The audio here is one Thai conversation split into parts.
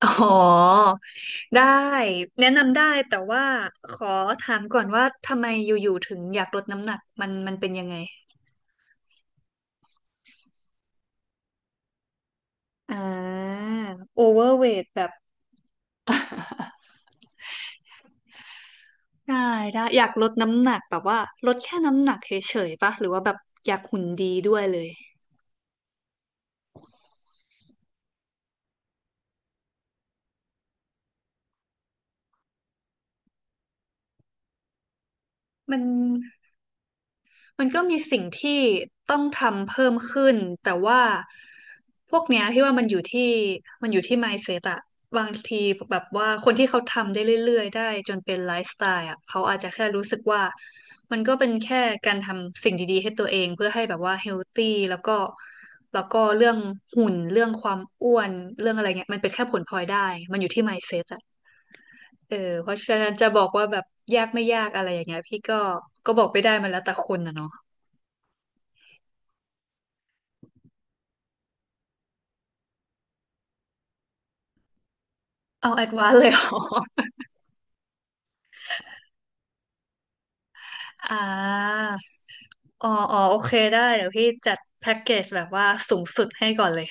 อ๋อได้แนะนำได้แต่ว่าขอถามก่อนว่าทำไมอยู่ๆถึงอยากลดน้ำหนักมันเป็นยังไงอ่าโอเวอร์เวทแบบได้ได้อยากลดน้ำหนักแบบว่าลดแค่น้ำหนักเฉยๆปะหรือว่าแบบอยากหุ่นดีด้วยเลยมัน มันก็มีสิ่งที่ต้องทำเพิ่มขึ้นแต่ว่าพวกเนี้ยพี่ว่ามันอยู่ที่ mindset อะบางทีแบบว่าคนที่เขาทำได้เรื่อยๆได้จนเป็นไลฟ์สไตล์อะเขาอาจจะแค่รู้สึกว่ามันก็เป็นแค่การทำสิ่งดีๆให้ตัวเองเพื่อให้แบบว่าเฮลตี้แล้วก็เรื่องหุ่นเรื่องความอ้วนเรื่องอะไรเงี้ยมันเป็นแค่ผลพลอยได้มันอยู่ที่ mindset อะเออเพราะฉะนั้นจะบอกว่าแบบยากไม่ยากอะไรอย่างเงี้ยพี่ก็บอกไม่ได้มันแล้วแต่คนนะเนาะ เอาแอดวานเลย เหรออ่าอ๋อโอเคได้เดี๋ยวพี่จัดแพ็กเกจแบบว่าสูงสุดให้ก่อนเลย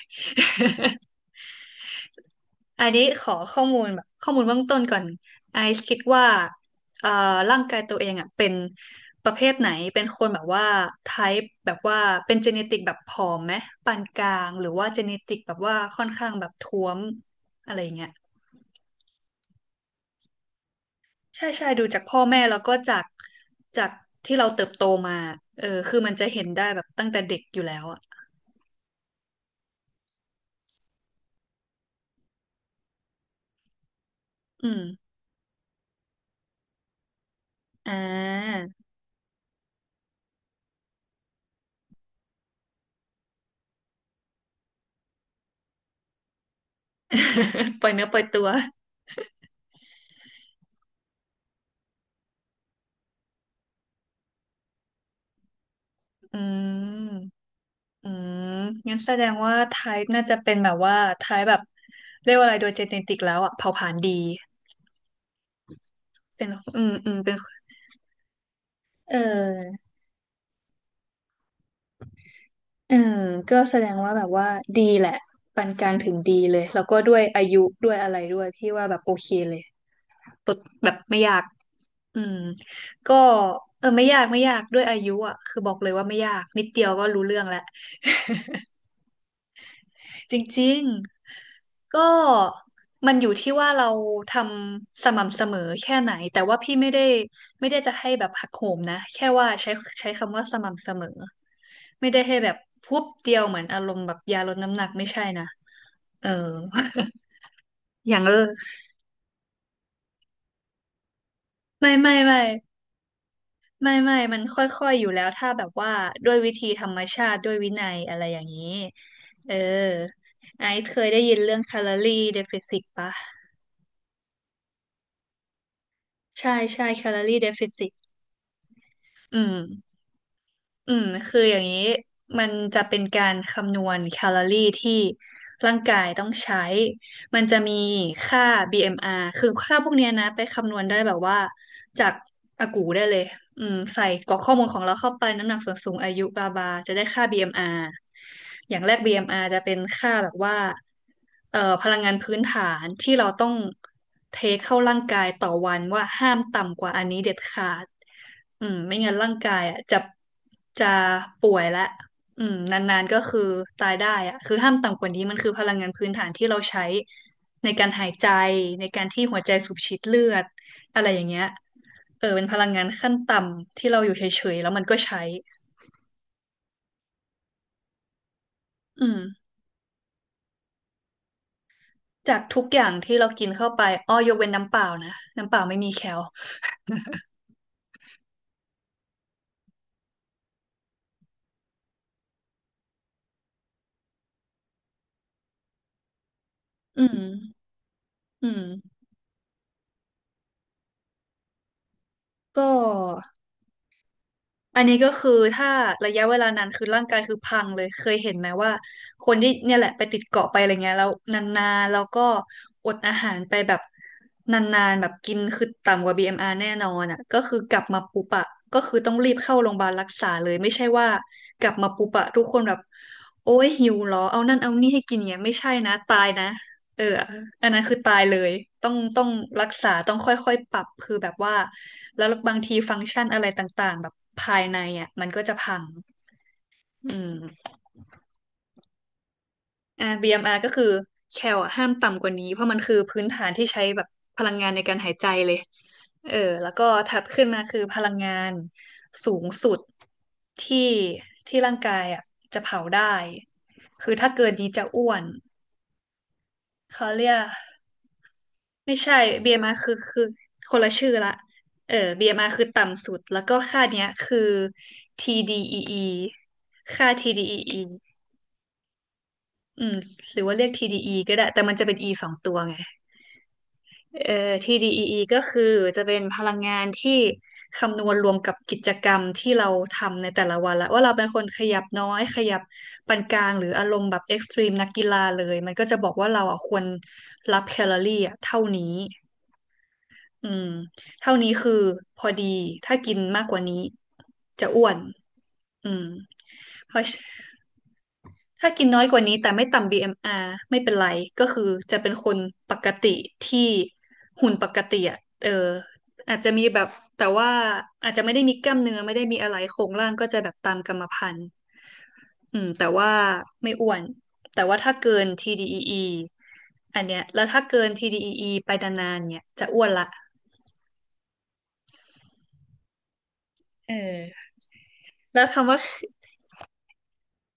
อันนี้ขอข้อมูลแบบข้อมูลเบื้องต้นก่อนไอซ์คิดว่าเอ่อร่างกายตัวเองอ่ะเป็นประเภทไหน เป็นคนแบบว่าไทป์แบบว่าเป็นเจเนติกแบบผอมไหมปานกลางหรือว่าเจเนติกแบบว่าค่อนข้างแบบท้วมอะไรอย่างเงี้ย ใช่ใช่ดูจากพ่อแม่แล้วก็จากที่เราเติบโตมาเออคือมันจะเห็นได้แบบตั้งแต่เด็กอยู่แล้วอ่ะอืมอ่า ปล่อยเนื้อปล่อยตัวอืมอืมงั้นแสดงว่าไทป์น่าจะเป็นแบบว่าไทป์แบบเรียกว่าอะไรโดยเจเนติกแล้วอ่ะเผ่าผลาญดีเป็นอืมเป็นเออเออก็แสดงว่าแบบว่าดีแหละปานกลางถึงดีเลยแล้วก็ด้วยอายุด้วยอะไรด้วยพี่ว่าแบบโอเคเลย ฝึกแบบไม่ยากอืมก็เออไม่ยากด้วยอายุอ่ะคือบอกเลยว่าไม่ยากนิดเดียวก็รู้เรื่องแล้วจริงๆก็มันอยู่ที่ว่าเราทำสม่ำเสมอแค่ไหนแต่ว่าพี่ไม่ได้จะให้แบบหักโหมนะแค่ว่าใช้คำว่าสม่ำเสมอไม่ได้ให้แบบพุบเดียวเหมือนอารมณ์แบบยาลดน้ำหนักไม่ใช่นะเออ อย่างเออไม่ไม่ไม่ ไม่มันค่อยๆอยู่แล้วถ้าแบบว่าด้วยวิธีธรรมชาติด้วยวินัยอะไรอย่างนี้เออไอซ์เคยได้ยินเรื่องแคลอรี่เดฟิซิตปะ ใช่ใช่แคลอรี่เดฟิซิตอืมอืมคืออย่างนี้มันจะเป็นการคำนวณแคลอรี่ที่ร่างกายต้องใช้ มันจะมีค่า BMR คือค่าพวกเนี้ยนะไปคำนวณได้แบบว่าจากอากูได้เลยอืมใส่กรอกข้อมูลของเราเข้าไปน้ำหนักส่วนสูงอายุบาบาจะได้ค่า BMR อมอาร์อย่างแรก BMR จะเป็นค่าแบบว่าพลังงานพื้นฐานที่เราต้องเทเข้าร่างกายต่อวันว่าห้ามต่ำกว่าอันนี้เด็ดขาดอืมไม่งั้นร่างกายอ่ะจะป่วยละ อืมนานๆก็คือตายได้อะคือห้ามต่ำกว่านี้มันคือพลังงานพื้นฐานที่เราใช้ในการหายใจในการที่หัวใจสูบฉีดเลือดอะไรอย่างเงี้ยเออเป็นพลังงานขั้นต่ำที่เราอยู่เฉยๆแล้วมันก็ใช้อืมจากทุกอย่างที่เรากินเข้าไปอ้อยกเว้นน้ำเปล่านะน้ำเปล่าไม่มีแคลอืมอืมก็ อันนี้ก็คือถ้าระยะเวลานานคือร่างกายคือพังเลยเคยเห็นไหมว่าคนที่เนี่ยแหละไปติดเกาะไปอะไรเงี้ยแล้วนานๆแล้วก็อดอาหารไปแบบนานๆแบบกินคือต่ำกว่า BMR แน่นอนอ่ะก็คือกลับมาปุ๊บอะก็คือต้องรีบเข้าโรงพยาบาลรักษาเลยไม่ใช่ว่ากลับมาปุ๊บอะทุกคนแบบโอ้ยหิวเหรอเอานั่นเอานี่ให้กินเงี้ยไม่ใช่นะตายนะ เอออันนั้นคือตายเลย ต้องรักษาต้องค่อยๆปรับคือแบบว่าแล้วบางทีฟังก์ชันอะไรต่างๆแบบภายในอ่ะมันก็จะพังอืมอ่า BMR ก็คือแคลอะห้ามต่ำกว่านี้เพราะมันคือพื้นฐานที่ใช้แบบพลังงานในการหายใจเลยเออแล้วก็ถัดขึ้นมาคือพลังงานสูงสุดที่ที่ร่างกายอ่ะจะเผาได้ คือถ้าเกินนี้จะอ้วน เขาเรียก ไม่ใช่ BMR คือคนละชื่อละเออ BMR คือต่ำสุดแล้วก็ค่าเนี้ยคือ TDEE ค่า TDEE ออีอืมหรือว่าเรียก TDE ก็ได้แต่มันจะเป็น E สองตัวไงTDEE ก็คือจะเป็นพลังงานที่คำนวณรวมกับกิจกรรมที่เราทำในแต่ละวันละว่าเราเป็นคนขยับน้อยขยับปานกลางหรืออารมณ์แบบเอ็กซ์ตรีมนักกีฬาเลยมันก็จะบอกว่าเราอ่ะควรรับแคลอรี่อ่ะเท่านี้ อืมเท่านี้คือพอดีถ้ากินมากกว่านี้จะอ้วนอืมเพราะถ้ากินน้อยกว่านี้แต่ไม่ต่ำ BMR ไม่เป็นไรก็คือจะเป็นคนปกติที่หุ่นปกติอ่ะเอออาจจะมีแบบแต่ว่าอาจจะไม่ได้มีกล้ามเนื้อไม่ได้มีอะไรโครงร่างก็จะแบบตามกรรมพันธุ์อืมแต่ว่าไม่อ้วนแต่ว่าถ้าเกิน TDEE ออีอันเนี้ยแล้วถ้าเกิน TDEE ไปนานๆเนี่ยจะอ้วนละเออแล้วคำว่า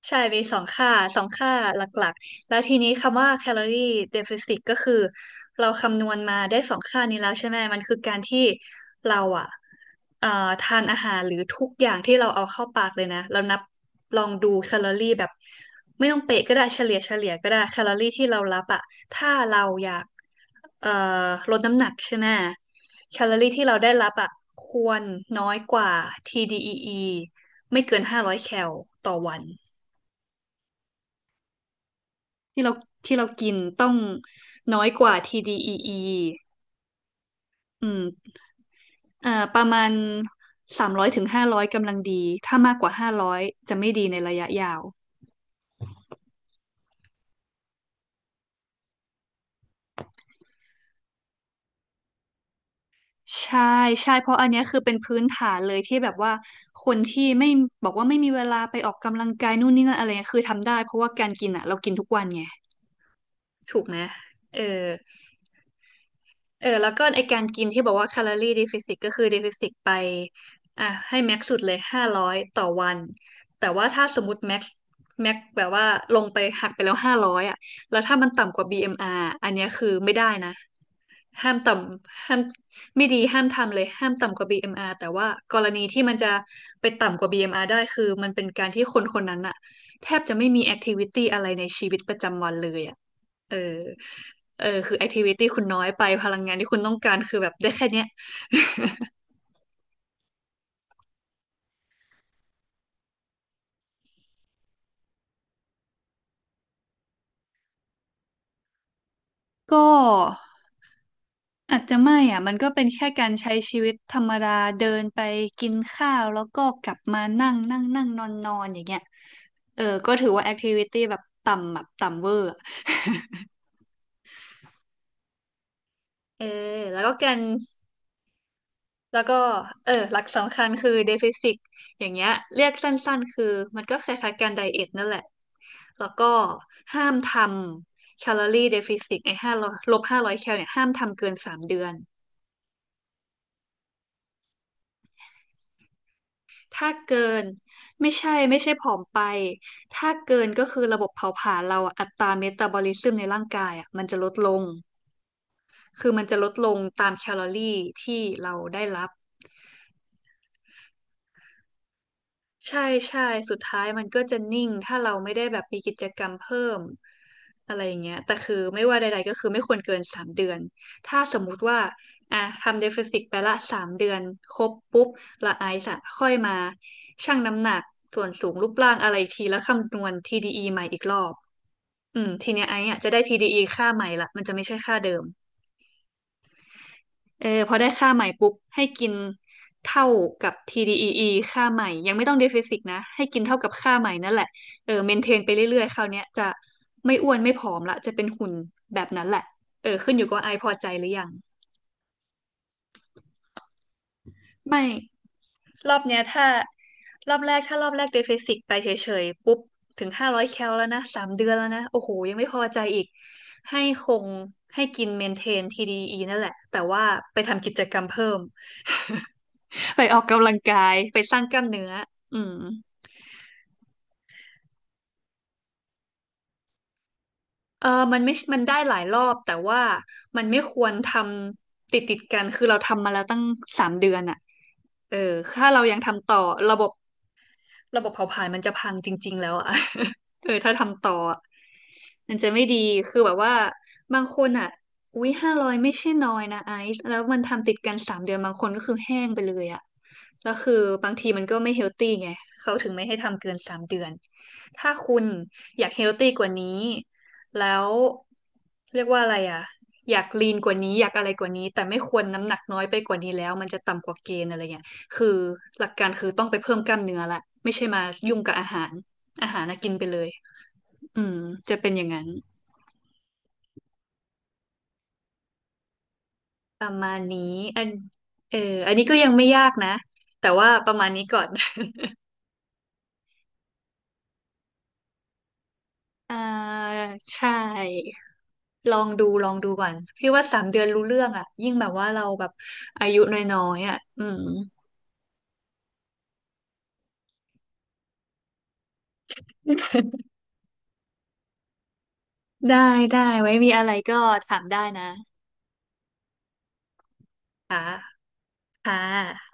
ใช่มีสองค่าสองค่าหลักๆแล้วทีนี้คำว่า calorie deficit ก็คือเราคำนวณมาได้สองค่านี้แล้วใช่ไหมมันคือการที่เราอ่ะเอ่อทานอาหารหรือทุกอย่างที่เราเอาเข้าปากเลยนะเรานับลองดูแคลอรี่แบบไม่ต้องเป๊ะก็ได้เฉลี่ยก็ได้แคลอรี่ที่เรารับอ่ะถ้าเราอยากเอ่อลดน้ำหนักใช่ไหมแคลอรี่ที่เราได้รับอ่ะควรน้อยกว่า TDEE ไม่เกิน500 แคลต่อวัน ที่เราที่เรากินต้องน้อยกว่า TDEE ออีอืมอ่าประมาณ300 ถึง 500กำลังดี ถ้ามากกว่าห้าร้อยจะไม่ดีในระยะยาว ใช่ใช่เพราะอันเนี้ยคือเป็นพื้นฐานเลยที่แบบว่าคนที่ไม่บอกว่าไม่มีเวลาไปออกกำลังกายนู่นนี่นั่นอะไรเงี้ยคือทำได้เพราะว่าการกินอ่ะเรากินทุกวันไง ถูกไหมเออ เออแล้วก็ไอการกินที่บอกว่าแคลอรี่ดิฟิซิตก็คือดิฟิซิตไปอ่ะให้แม็กซ์สุดเลย500 ต่อวันแต่ว่าถ้าสมมติแม็กซ์แบบว่าลงไปหักไปแล้วห้าร้อยอ่ะแล้วถ้ามันต่ำกว่า BMR อมอาร์อันเนี้ยคือไม่ได้นะห้ามต่ำห้ามไม่ดีห้ามทำเลยห้ามต่ำกว่า BMR แต่ว่ากรณีที่มันจะไปต่ำกว่า BMR ได้คือมันเป็นการที่คนคนนั้นอ่ะแทบจะไม่มีแอคทิวิตี้อะไรในชีวิตประจำวันเลยอ่ะเออ เออคือ activity คุณน้อยไปพลังงานที่คุณต้องการคือแบบได้แค่เนี้ยก็อาจจะไม่อ่ะมันก็เป็นแค่การใช้ชีวิตธรรมดาเดินไปกินข้าวแล้วก็กลับมานั่งนั่งนั่งนอนนอนอย่างเงี้ยเออก็ถือว่า activity แบบต่ำเวอร์อะ เออแล้วก็การ แล้วก็เออหลักสำคัญคือเดฟิซิกอย่างเงี้ยเรียกสั้นๆคือมันก็คล้ายๆการไดเอทนั่นแหละแล้วก็ห้ามทำแคลอรี่เดฟิซิกไอ้ห้าลบ 500 แคลเนี่ยห้ามทำเกินสามเดือนถ้าเกินไม่ใช่ผอมไปถ้าเกินก็คือระบบเผาผลาญเราอะอัตราเมตาบอลิซึมในร่างกายอ่ะมันจะลดลงคือมันจะลดลงตามแคลอรี่ที่เราได้รับ ใช่ใช่สุดท้ายมันก็จะนิ่งถ้าเราไม่ได้แบบมีกิจกรรมเพิ่มอะไรอย่างเงี้ยแต่คือไม่ว่าใดๆก็คือไม่ควรเกินสามเดือนถ้าสมมุติว่าอ่ะทำเดฟเฟซิตไปละสามเดือนครบปุ๊บละไอซ์อะค่อยมาชั่งน้ำหนักส่วนสูงรูปร่างอะไรอีกทีแล้วคำนวณ TDE ใหม่อีกรอบอืมทีเนี้ยไอซ์อะจะได้ TDE ค่าใหม่ละมันจะไม่ใช่ค่าเดิม เออพอได้ค่าใหม่ปุ๊บให้กินเท่ากับ TDEE ค่าใหม่ยังไม่ต้องเดฟิซิตนะให้กินเท่ากับค่าใหม่นั่นแหละเออเมนเทนไปเรื่อยๆคราวเนี้ยจะไม่อ้วนไม่ผอมละจะเป็นหุ่นแบบนั้นแหละเออขึ้นอยู่กับว่าไอพอใจหรือยังไม่รอบเนี้ยถ้ารอบแรกเดฟ i ซิกไปเฉยๆปุ๊บถึงห้าร้อยแคลแล้วนะสามเดือนแล้วนะโอ้โหยังไม่พอใจอีกให้คงให้กินเมนเทน TDEE นั่นแหละแต่ว่าไปทำกิจกรรมเพิ่ม ไปออกกำลังกายไปสร้างกล้ามเนื้ออืมเออมันได้หลายรอบแต่ว่ามันไม่ควรทำติดกันคือเราทำมาแล้วตั้งสามเดือนอะเออถ้าเรายังทำต่อระบบ ระบบเผาผลาญมันจะพังจริงๆแล้วอ่ะ เออถ้าทำต่ออะมันจะไม่ดีคือแบบว่าบางคนอ่ะอุ๊ยห้าร้อยไม่ใช่น้อยนะไอซ์แล้วมันทำติดกันสามเดือนบางคนก็คือแห้งไปเลยอ่ะแล้วคือบางทีมันก็ไม่เฮลตี้ไงเขาถึงไม่ให้ทำเกินสามเดือน ถ้าคุณอยากเฮลตี้กว่านี้แล้วเรียกว่าอะไรอ่ะอยากลีนกว่านี้อยากอะไรกว่านี้ แต่ไม่ควรน้ำหนักน้อยไปกว่านี้แล้วมันจะต่ำกว่าเกณฑ์อะไรเงี้ย คือหลักการคือต้องไปเพิ่มกล้ามเนื้อละไม่ใช่มายุ่งกับอาหารอาหารนะกินไปเลยอืมจะเป็นอย่างนั้นประมาณนี้อันเอออันนี้ก็ยังไม่ยากนะแต่ว่าประมาณนี้ก่อน อ่าใช่ลองดูก่อนพี่ว่าสามเดือนรู้เรื่องอ่ะยิ่งแบบว่าเราแบบอายุน้อยๆอ่ะอืม ได้ได้ไว้มีอะไรก็ถามได้นะค่ะค่ะ